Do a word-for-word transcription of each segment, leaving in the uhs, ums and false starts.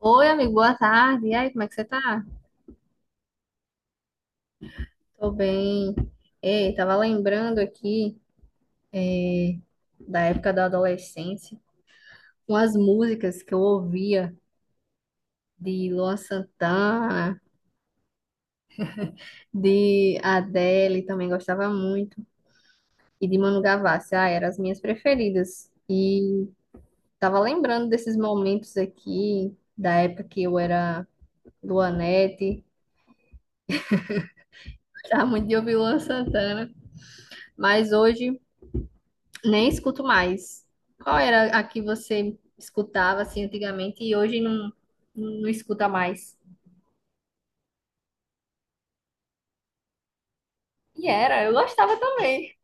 Oi, amigo, boa tarde. E aí, como é que você tá? Tô bem. Ei, tava lembrando aqui é, da época da adolescência, umas músicas que eu ouvia de Luan Santana, de Adele, também gostava muito, e de Manu Gavassi. Ah, eram as minhas preferidas. E tava lembrando desses momentos aqui, da época que eu era Luanete, gostava muito de ouvir Luan Santana, mas hoje nem escuto mais. Qual era a que você escutava assim antigamente e hoje não, não escuta mais? E era, eu gostava também.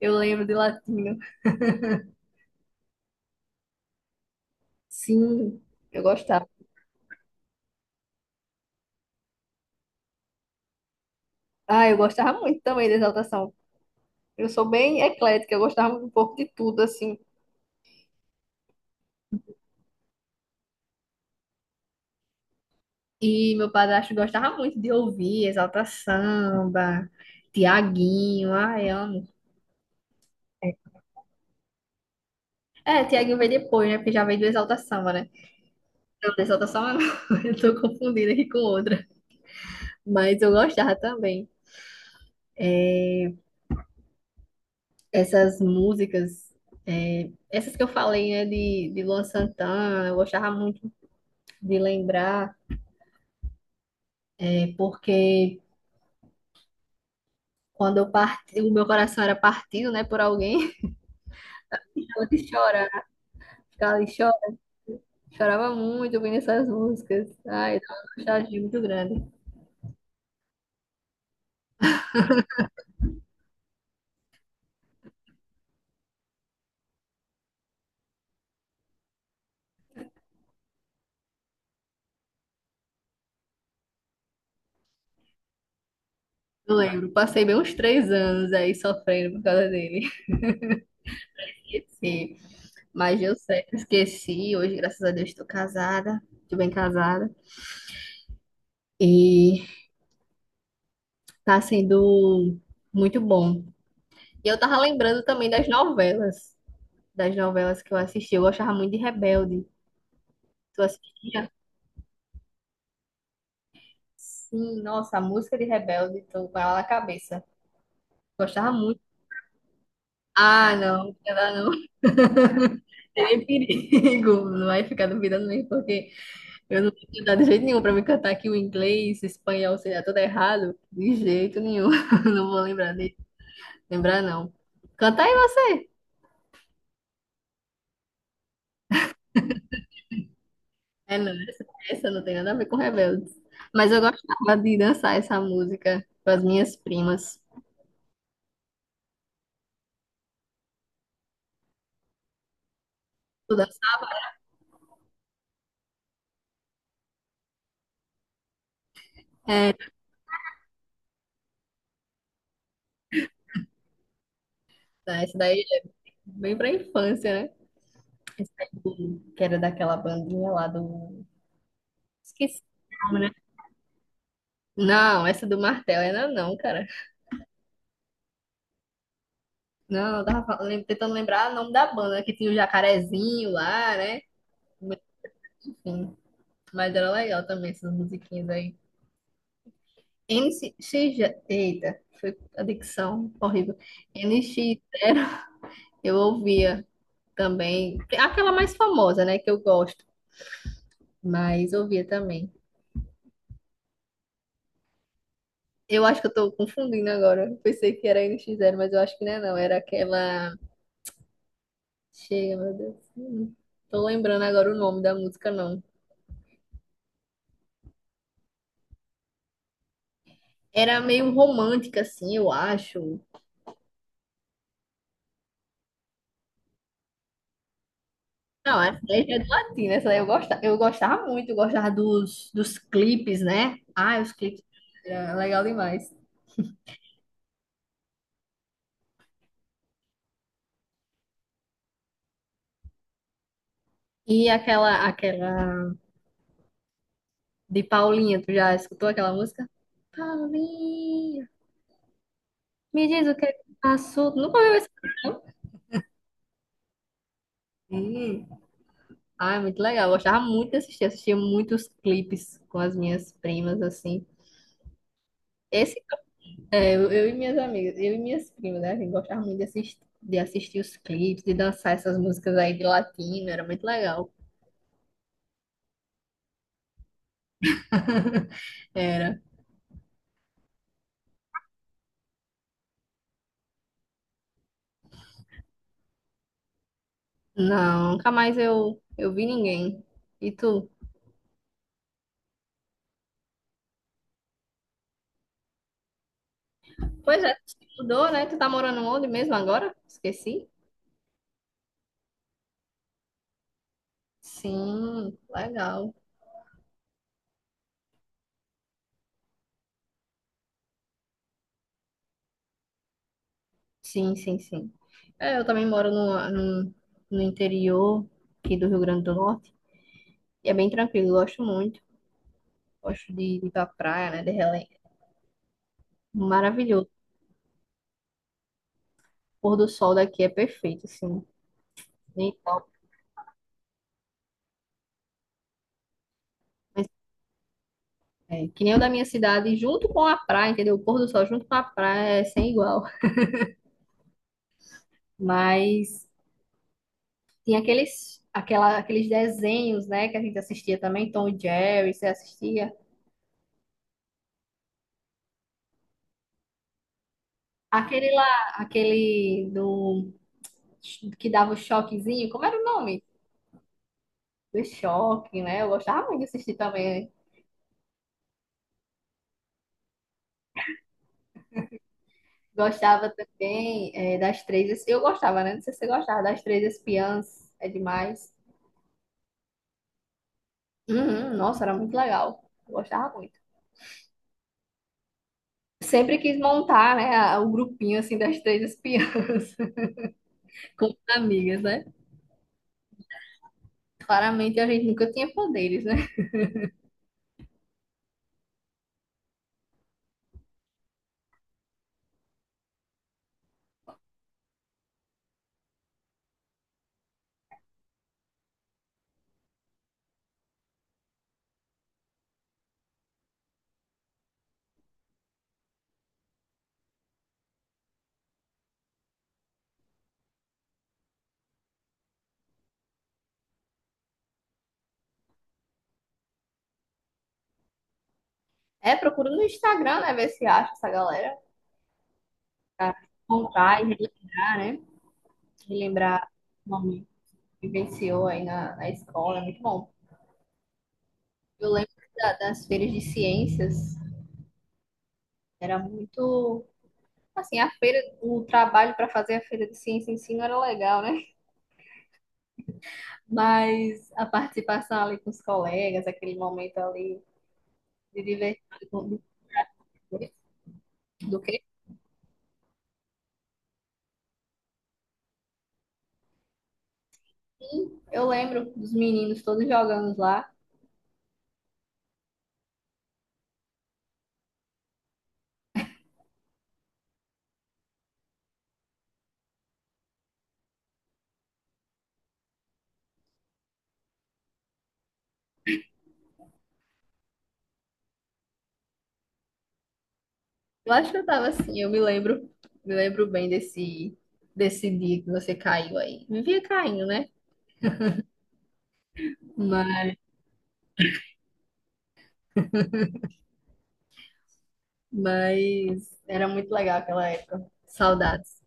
Eu lembro de Latino. Sim, eu gostava. Ah, eu gostava muito também de Exaltação. Eu sou bem eclética, eu gostava um pouco de tudo, assim. E meu padrasto gostava muito de ouvir Exalta Samba, Tiaguinho, ai, amo. É, Tiaguinho veio depois, né? Porque já veio do Exalta Samba, né? Não, do Exalta Samba não. Eu tô confundida aqui com outra. Mas eu gostava também. Essas músicas, é, essas que eu falei, né, de, de Luan Santana, eu gostava muito de lembrar, é, porque quando eu parti, o meu coração era partido, né, por alguém, ela que chora, ficava ali chorando, chorava muito ouvindo essas músicas. Ai, dava uma nostalgia muito grande. Eu lembro, passei bem uns três anos aí sofrendo por causa dele. Esqueci, mas eu sei, esqueci, hoje, graças a Deus, estou casada, estou bem casada. E tá sendo muito bom. E eu tava lembrando também das novelas, das novelas que eu assisti. Eu gostava muito de Rebelde. Tu assistia? Sim, nossa, a música de Rebelde, tô com ela na cabeça. Gostava muito. Ah, não, ela não tem perigo. Não vai ficar duvidando mesmo, porque eu não tenho cuidado de jeito nenhum pra me cantar aqui o inglês, espanhol, sei lá, tudo errado. De jeito nenhum. Não vou lembrar de lembrar, não. Canta aí você. É, não, essa, essa não tem nada a ver com Rebeldes. Mas eu gostava de dançar essa música com as minhas primas. Tu dança- É, tá, essa daí é bem pra infância, né? Essa aí, que era daquela bandinha lá do. Esqueci o nome, né? Não, essa do martelo ainda não, cara. Não, eu tava fal- lem- tentando lembrar o nome da banda, que tinha o jacarezinho lá, né? Enfim, mas era legal também essas musiquinhas aí. N NX, eita, foi a dicção horrível. N X eu ouvia também. Aquela mais famosa, né? Que eu gosto. Mas ouvia também. Eu acho que eu tô confundindo agora. Eu pensei que era N X zero, mas eu acho que não é não. Era aquela. Chega, meu Deus. Não tô lembrando agora o nome da música, não. Era meio romântica, assim, eu acho. Não, essa aí é do latino. Essa aí eu gostava, eu gostava muito. Eu gostava dos, dos clipes, né? Ah, os clipes. Era legal demais. E aquela, aquela de Paulinha, tu já escutou aquela música? Paulinha, me diz o que é que passou. Tu nunca ouviu essa? Hum. Ah, é muito legal. Eu gostava muito de assistir. Assistia muitos clipes com as minhas primas, assim. Esse, é, eu, eu e minhas amigas, eu e minhas primas, né? A gente gostava muito de assistir, de assistir os clipes, de dançar essas músicas aí de latino. Era muito legal. Era. Não, nunca mais eu, eu vi ninguém. E tu? Pois é, tu se mudou, né? Tu tá morando onde mesmo agora? Esqueci. Sim, legal. Sim, sim, sim. É, eu também moro no, no, no interior aqui do Rio Grande do Norte. E é bem tranquilo, gosto muito. Gosto de, de ir pra praia, né? De relé. Maravilhoso. O pôr do sol daqui é perfeito, assim. Nem top, mas é, que nem o da minha cidade, junto com a praia, entendeu? O pôr do sol junto com a praia é sem igual. Mas tem aqueles, aquela, aqueles desenhos, né? Que a gente assistia também, Tom e Jerry, você assistia. Aquele lá, aquele do que dava o choquezinho, como era o nome? Do Choque, né? Eu gostava muito de assistir também. Gostava também é, das Três. Eu gostava, né? Não sei se você gostava das Três Espiãs. É demais. Uhum, nossa, era muito legal. Eu gostava muito. Sempre quis montar, né, a- o grupinho assim das Três Espiãs com as amigas, né? Claramente a gente nunca tinha poderes, né? É, procura no Instagram, né, ver se acha essa galera pra montar e relembrar, né? Relembrar o momento que vivenciou aí na, na escola, é muito bom. Eu lembro da- das feiras de ciências, era muito. Assim, a feira, o trabalho para fazer a feira de ciência em si não era legal, né? Mas a participação ali com os colegas, aquele momento ali de divertir. Do, do quê? Eu lembro dos meninos todos jogando lá. Eu acho que eu tava assim, eu me lembro, me lembro bem desse, desse dia que você caiu aí. Vivia caindo, né? Mas, mas era muito legal aquela época. Saudades.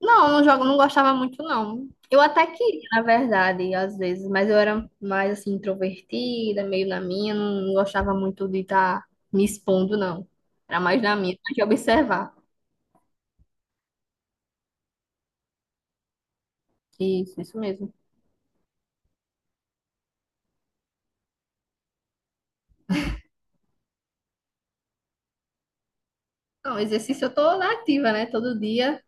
Não, não jogo, não gostava muito, não. Eu até queria, na verdade, às vezes, mas eu era mais assim, introvertida, meio na minha, não, não gostava muito de estar me expondo, não. Era mais na minha, mais de observar. Isso, isso mesmo. Não, exercício eu tô na ativa, né? Todo dia,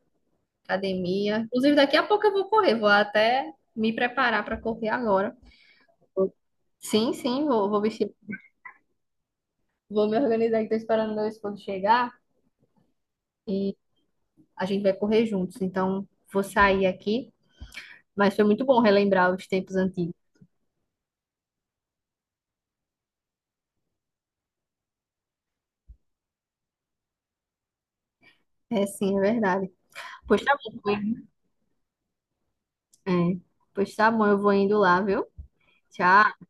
academia. Inclusive, daqui a pouco eu vou correr, vou até me preparar para correr agora. Sim, sim, vou, vou vestir, vou me organizar, que tô esperando meu esposo chegar e a gente vai correr juntos. Então, vou sair aqui. Mas foi muito bom relembrar os tempos antigos. É, sim, é verdade. Pois tá bom, eu vou indo- é. Pois tá bom, eu vou indo lá, viu? Tchau.